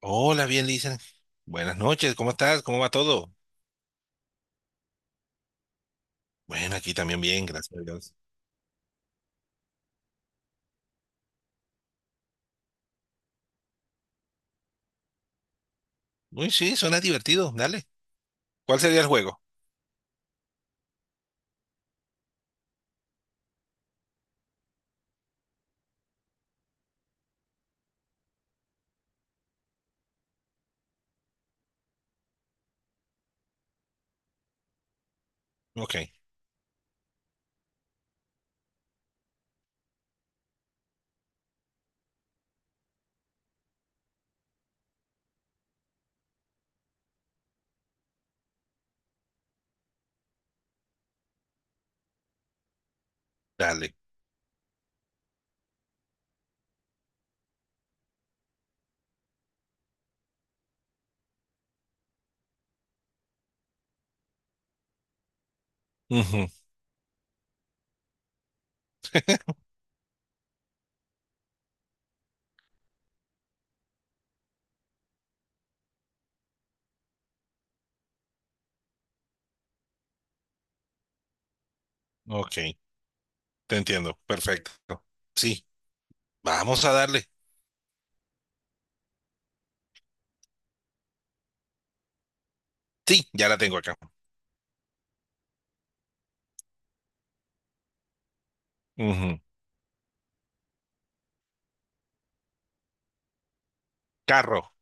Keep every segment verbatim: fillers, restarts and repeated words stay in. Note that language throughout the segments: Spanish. Hola, bien, dicen. Buenas noches, ¿cómo estás? ¿Cómo va todo? Bueno, aquí también bien, gracias a Dios. Uy, sí, suena divertido, dale. ¿Cuál sería el juego? Ok, dale. Ujú, ok, te entiendo, perfecto. Sí, vamos a darle. Sí, ya la tengo acá. Ujú, carro.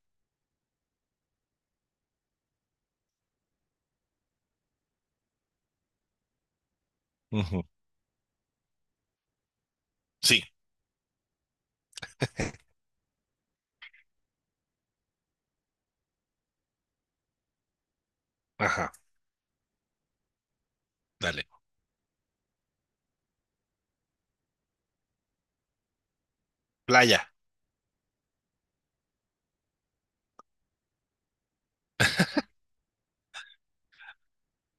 Ujú, sí, ajá, dale. Playa,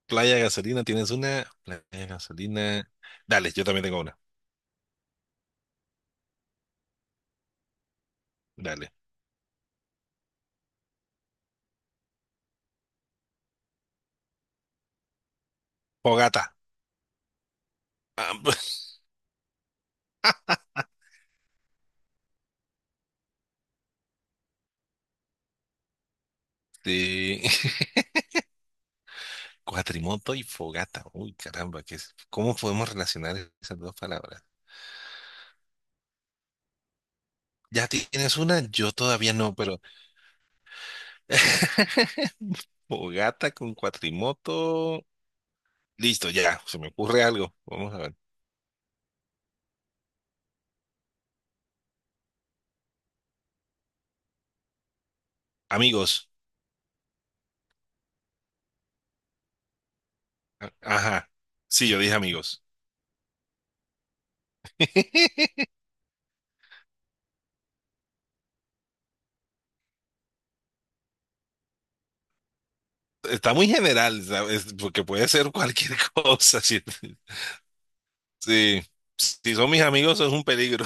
playa de gasolina, ¿tienes una? Playa de gasolina. Dale, yo también tengo una. Dale. Fogata. Ah, sí. Cuatrimoto y fogata. Uy, caramba, ¿qué es? ¿Cómo podemos relacionar esas dos palabras? Ya tienes una, yo todavía no, pero fogata con cuatrimoto. Listo, ya, se me ocurre algo. Vamos a ver. Amigos. A- Ajá. Sí, yo dije amigos. Está muy general, ¿sabes? Porque puede ser cualquier cosa. Sí, sí. Si son mis amigos, es un peligro.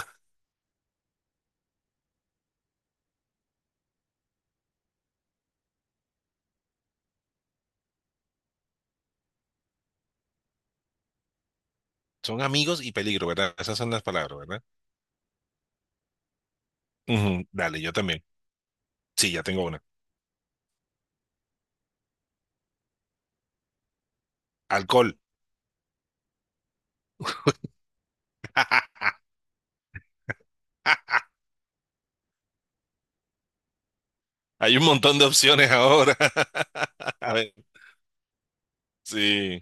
Son amigos y peligro, ¿verdad? Esas son las palabras, ¿verdad? Ujú, dale, yo también. Sí, ya tengo una. Alcohol. Hay un montón de opciones ahora. A ver, sí,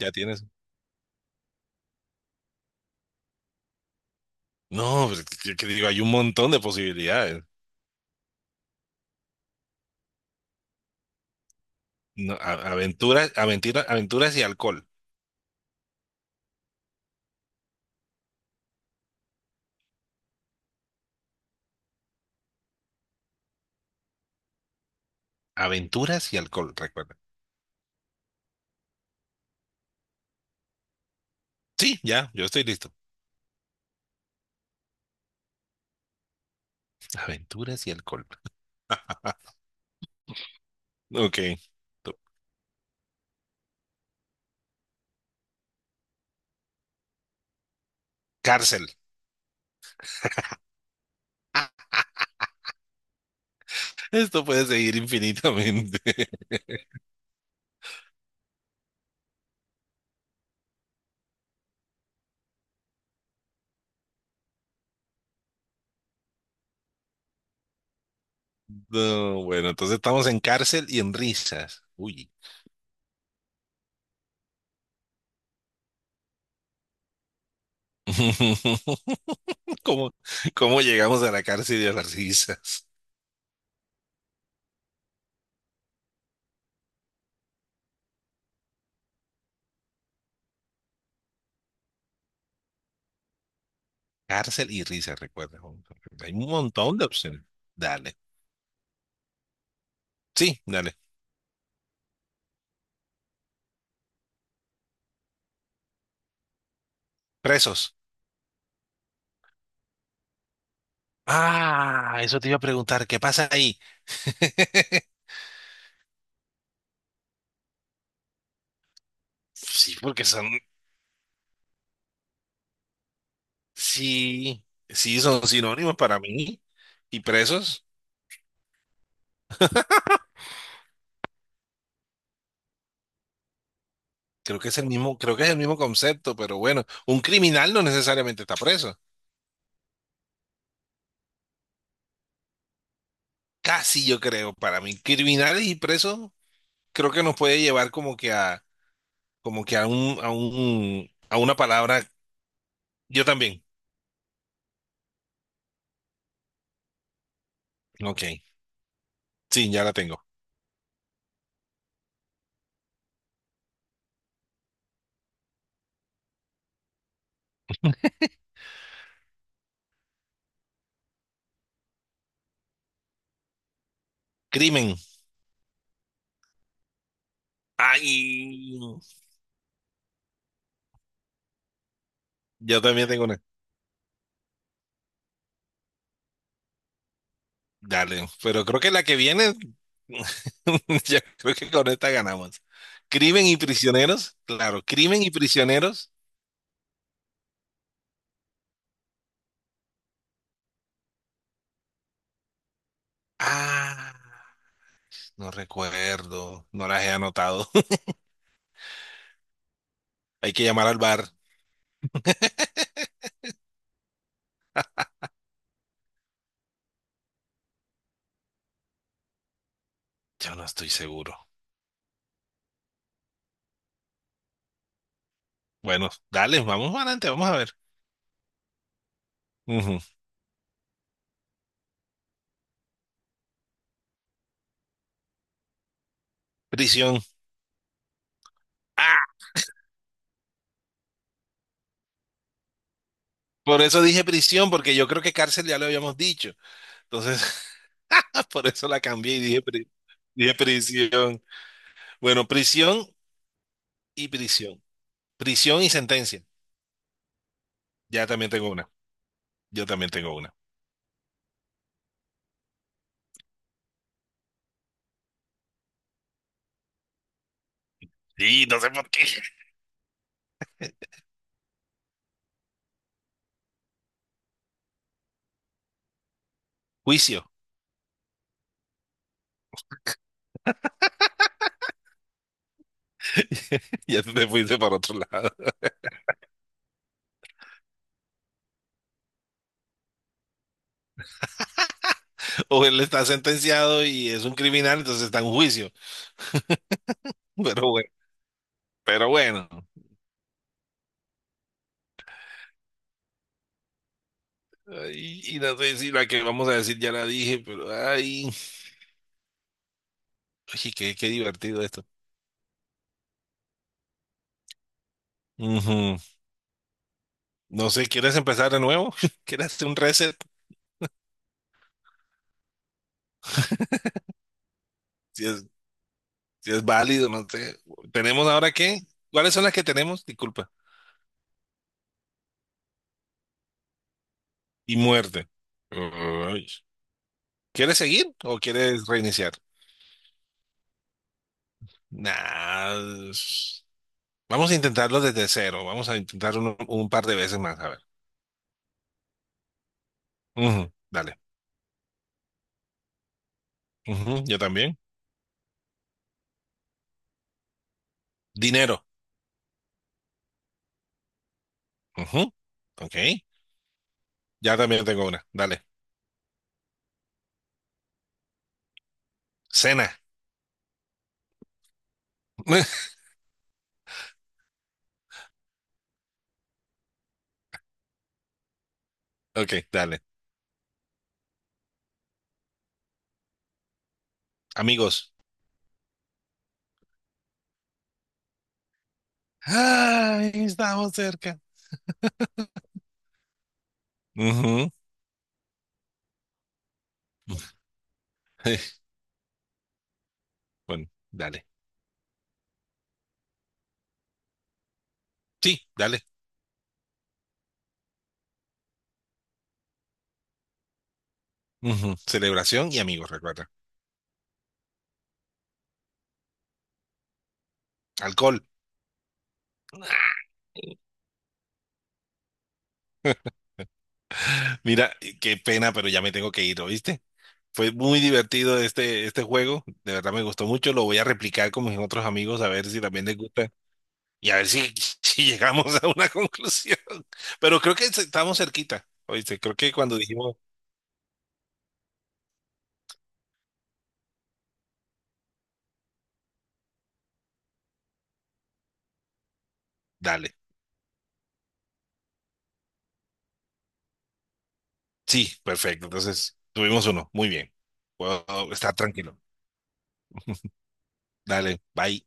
ya tienes. No, pues, que que digo, hay un montón de posibilidades. No, a- aventuras, aventura- aventuras y alcohol. Aventuras y alcohol, recuerda. Sí, ya, yo estoy listo. Aventuras y alcohol. Ok, tú- Cárcel. Esto puede seguir infinitamente. No, bueno, entonces estamos en cárcel y en risas. Uy. ¿Cómo, cómo llegamos a la cárcel y a las risas? Cárcel y risa, recuerda. Hay un montón de opciones. Dale. Sí, dale. Presos. Ah, eso te iba a preguntar. ¿Qué pasa ahí? Sí, porque son, sí, sí, son sinónimos para mí. Y presos, creo que es el mismo, creo que es el mismo concepto, pero bueno, un criminal no necesariamente está preso. Casi yo creo, para mí, criminales y presos, creo que nos puede llevar como que a, como que a un, a un, a una palabra. Yo también. Ok, sí, ya la tengo. Crimen. Ay, yo también tengo una. Dale, pero creo que la que viene, yo creo que con esta ganamos. Crimen y prisioneros, claro, crimen y prisioneros. Ah, no recuerdo, no las he anotado. Hay que llamar al bar. Yo no estoy seguro. Bueno, dale, vamos adelante, vamos a ver. Ujú. Prisión. Ah, por eso dije prisión, porque yo creo que cárcel ya lo habíamos dicho. Entonces, por eso la cambié y dije, pri- dije prisión. Bueno, prisión y prisión. Prisión y sentencia. Ya también tengo una. Yo también tengo una. Y no sé por qué. Juicio. Ya tú te fuiste para otro lado. O él está sentenciado y es un criminal, entonces está en juicio. Pero bueno, pero bueno. Ay, Y, no sé si la que vamos a decir ya la dije, pero ay, ay, qué, qué divertido esto. Ujú. No sé, ¿quieres empezar de nuevo? ¿Quieres hacer un reset? Si es, si es válido, no sé. ¿Tenemos ahora qué? ¿Cuáles son las que tenemos? Disculpa. Y muerte. Ay. ¿Quieres seguir o quieres reiniciar? Nah, es- Vamos a intentarlo desde cero. Vamos a intentar un, un par de veces más. A ver. Ujú, dale. Ujú, yo también. Dinero. Ujú, ok. Ya también tengo una. Dale. Cena. Ok, dale. Amigos. Ay, estamos cerca. Ujú. Bueno, dale. Sí, dale. Ujú, celebración y amigos, recuerda. Alcohol. Mira, eh, qué pena, pero ya me tengo que ir, ¿oíste? Fue muy divertido este, este juego, de verdad me gustó mucho, lo voy a replicar con mis otros amigos a ver si también les gusta y a ver si, si llegamos a una conclusión. Pero creo que estamos cerquita, ¿oíste? Creo que cuando dijimos, dale, sí, perfecto, entonces tuvimos uno, muy bien, puedo estar tranquilo, dale, bye.